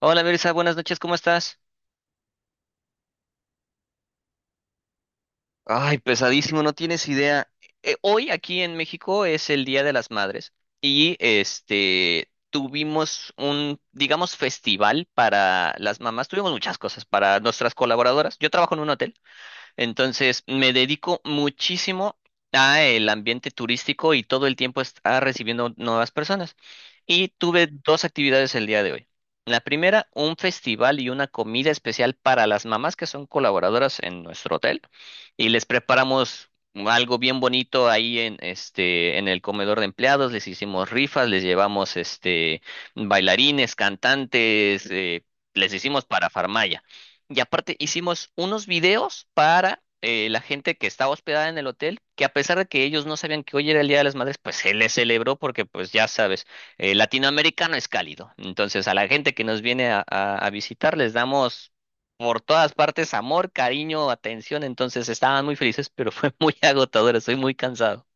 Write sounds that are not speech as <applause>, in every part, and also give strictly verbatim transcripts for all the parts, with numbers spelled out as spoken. Hola Mirza, buenas noches, ¿cómo estás? Ay, pesadísimo, no tienes idea. Eh, hoy aquí en México es el Día de las Madres y este tuvimos un, digamos, festival para las mamás. Tuvimos muchas cosas para nuestras colaboradoras. Yo trabajo en un hotel. Entonces, me dedico muchísimo a el ambiente turístico y todo el tiempo está recibiendo nuevas personas. Y tuve dos actividades el día de hoy. La primera, un festival y una comida especial para las mamás que son colaboradoras en nuestro hotel, y les preparamos algo bien bonito ahí en este en el comedor de empleados. Les hicimos rifas, les llevamos este bailarines, cantantes, eh, les hicimos parafarmaya. Y aparte hicimos unos videos para eh, la gente que estaba hospedada en el hotel, que a pesar de que ellos no sabían que hoy era el Día de las Madres, pues se les celebró porque pues ya sabes, eh, latinoamericano es cálido. Entonces a la gente que nos viene a, a- a visitar les damos por todas partes amor, cariño, atención. Entonces estaban muy felices, pero fue <laughs> muy agotador, estoy muy cansado.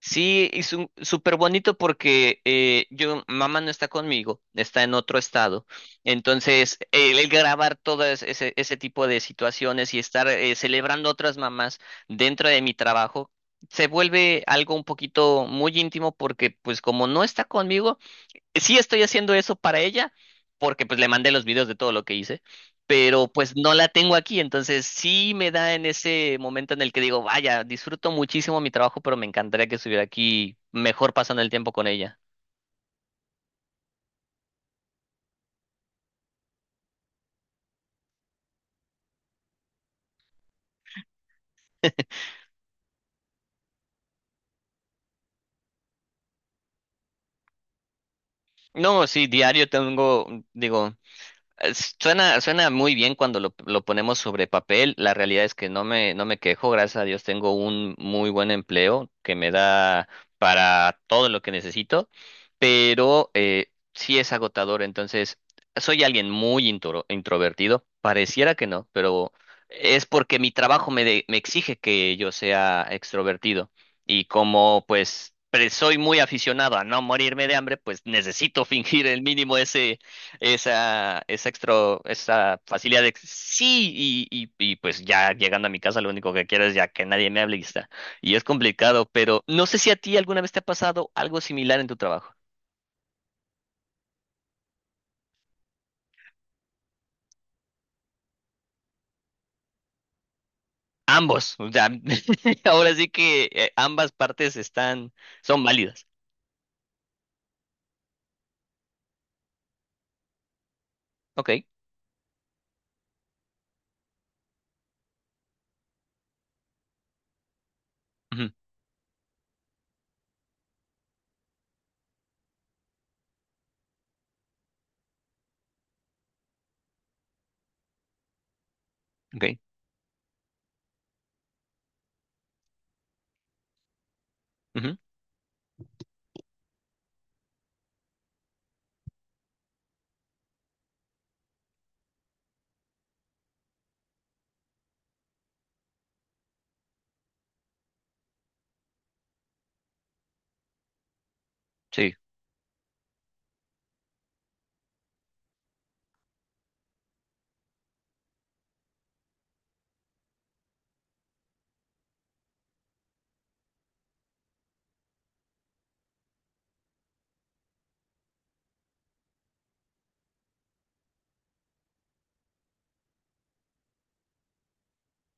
Sí, y su- súper bonito porque eh, yo, mamá no está conmigo, está en otro estado. Entonces, el, el grabar todo es- ese, ese tipo de situaciones y estar eh, celebrando otras mamás dentro de mi trabajo, se vuelve algo un poquito muy íntimo porque, pues, como no está conmigo, sí estoy haciendo eso para ella, porque pues le mandé los videos de todo lo que hice, pero pues no la tengo aquí, entonces sí me da en ese momento en el que digo, vaya, disfruto muchísimo mi trabajo, pero me encantaría que estuviera aquí mejor pasando el tiempo con ella. No, sí, diario tengo, digo, Es- Suena, suena muy bien cuando lo, lo ponemos sobre papel. La realidad es que no me, no me quejo, gracias a Dios tengo un muy buen empleo que me da para todo lo que necesito, pero eh, sí es agotador. Entonces, soy alguien muy intro- introvertido, pareciera que no, pero es porque mi trabajo me, de- me exige que yo sea extrovertido. Y como pues pre- soy muy aficionado a no morirme de hambre, pues necesito <laughs> fingir el mínimo ese esa, esa extra, esa facilidad de sí, y, y, y pues ya llegando a mi casa lo único que quiero es ya que nadie me hable y está. Y es complicado, pero no sé si a ti alguna vez te ha pasado algo similar en tu trabajo. Ambos, o sea, <laughs> ahora sí que eh, ambas partes están, son válidas. Ok, ujú, ok, ujú, sí.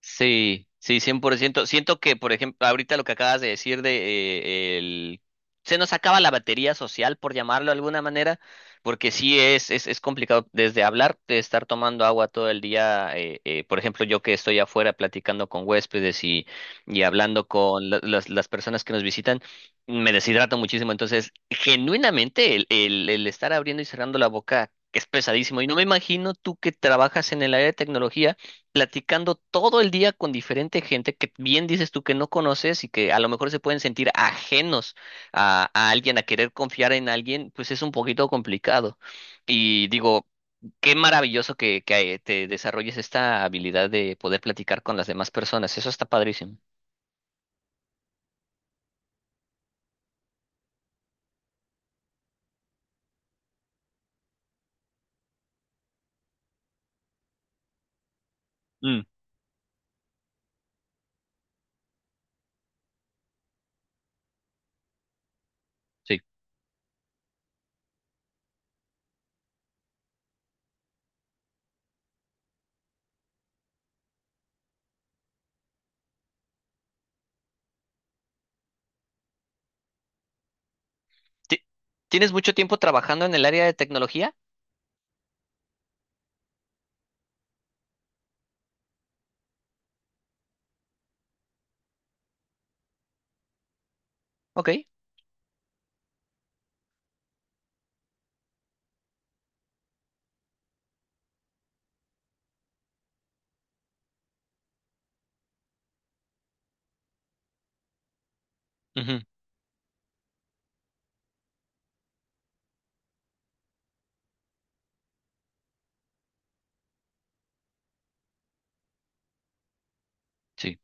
Sí, sí, cien por ciento. Siento que, por ejemplo, ahorita lo que acabas de decir de eh, el... Se nos acaba la batería social, por llamarlo de alguna manera, porque sí es, es, es complicado desde hablar, de estar tomando agua todo el día. Eh, eh, por ejemplo, yo que estoy afuera platicando con huéspedes y, y hablando con la- las, las personas que nos visitan, me deshidrato muchísimo. Entonces, genuinamente, el, el, el estar abriendo y cerrando la boca es pesadísimo. Y no me imagino tú que trabajas en el área de tecnología platicando todo el día con diferente gente que bien dices tú que no conoces y que a lo mejor se pueden sentir ajenos a, a alguien, a querer confiar en alguien, pues es un poquito complicado. Y digo, qué maravilloso que, que eh, te desarrolles esta habilidad de poder platicar con las demás personas. Eso está padrísimo. Mm, sí. Ti- ¿Tienes mucho tiempo trabajando en el área de tecnología? Ok. Ujú, sí.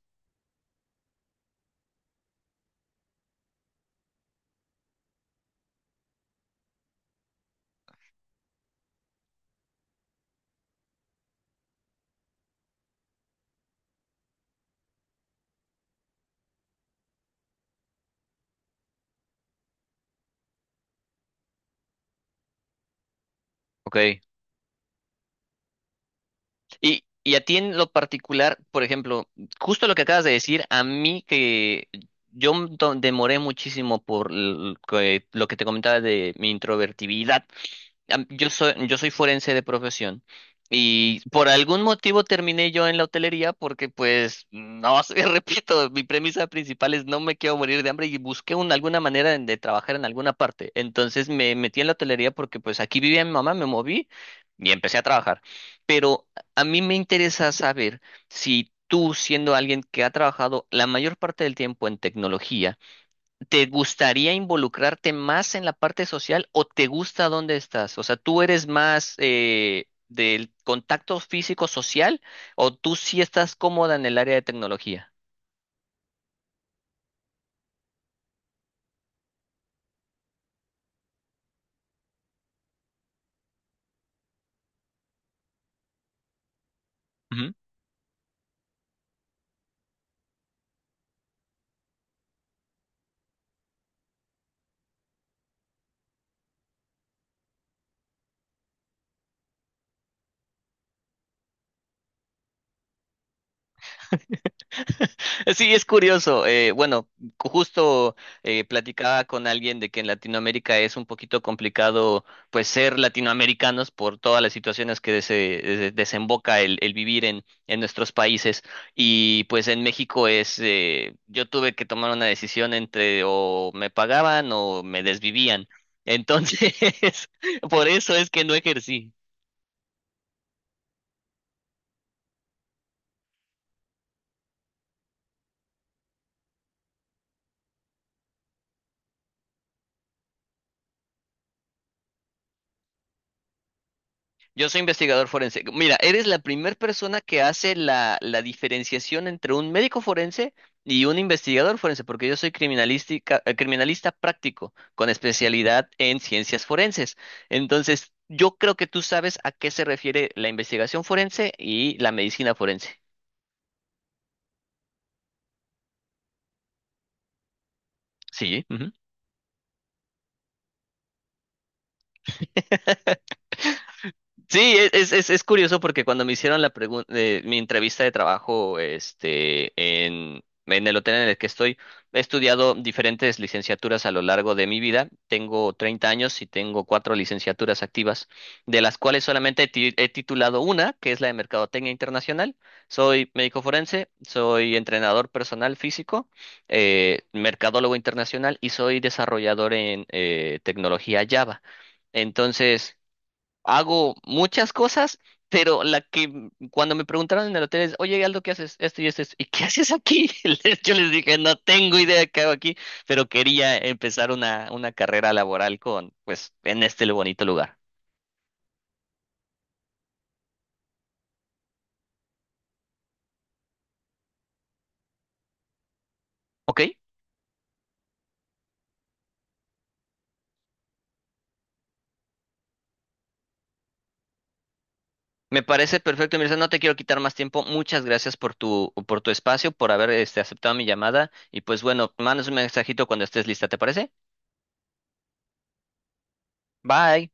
Ok. Y, y a ti en lo particular, por ejemplo, justo lo que acabas de decir, a mí que yo m- to- demoré muchísimo por l- que- lo que te comentaba de mi introvertibilidad, am- yo soy, yo soy forense de profesión y por algún motivo terminé yo en la hotelería porque pues no sé, <laughs> repito, mi premisa principal es no me quiero morir de hambre y busqué un- alguna manera de, de trabajar en alguna parte. Entonces me metí en la hotelería porque pues aquí vivía mi mamá, me moví y empecé a trabajar. Pero a mí me interesa saber si tú, siendo alguien que ha trabajado la mayor parte del tiempo en tecnología, ¿te gustaría involucrarte más en la parte social o te gusta dónde estás? O sea, ¿tú eres más eh, del contacto físico social o tú sí estás cómoda en el área de tecnología? <laughs> Sí, es curioso. Eh, bueno, cu- justo eh, platicaba con alguien de que en Latinoamérica es un poquito complicado, pues, ser latinoamericanos por todas las situaciones que se desemboca el, el vivir en, en nuestros países. Y pues en México es, eh, yo tuve que tomar una decisión entre o me pagaban o me desvivían. Entonces, <laughs> por eso es que no ejercí. Yo soy investigador forense. Mira, eres la primera persona que hace la, la diferenciación entre un médico forense y un investigador forense, porque yo soy criminalística, eh, criminalista práctico con especialidad en ciencias forenses. Entonces, yo creo que tú sabes a qué se refiere la investigación forense y la medicina forense. Sí. Ujú. <laughs> Sí, e, es, es, es curioso porque cuando me hicieron la pregun- eh, mi entrevista de trabajo, este, en, en el hotel en el que estoy, he estudiado diferentes licenciaturas a lo largo de mi vida. Tengo treinta años y tengo cuatro licenciaturas activas, de las cuales solamente he, ti- he titulado una, que es la de Mercadotecnia Internacional. Soy médico forense, soy entrenador personal físico, eh, mercadólogo internacional y soy desarrollador en eh, tecnología Java. Entonces, hago muchas cosas, pero la que m- cuando me preguntaron en el hotel es, oye, Aldo, ¿qué haces? Esto y esto, esto. ¿Y qué haces aquí? <laughs> Les- Yo les dije, no tengo idea de qué hago aquí, pero quería empezar una, una carrera laboral con, pues, en este bonito lugar. ¿Ok? Me parece perfecto, Mirza. No te quiero quitar más tiempo. Muchas gracias por tu, por tu espacio, por haber este, aceptado mi llamada. Y pues bueno, mandas un mensajito cuando estés lista, ¿te parece? Bye.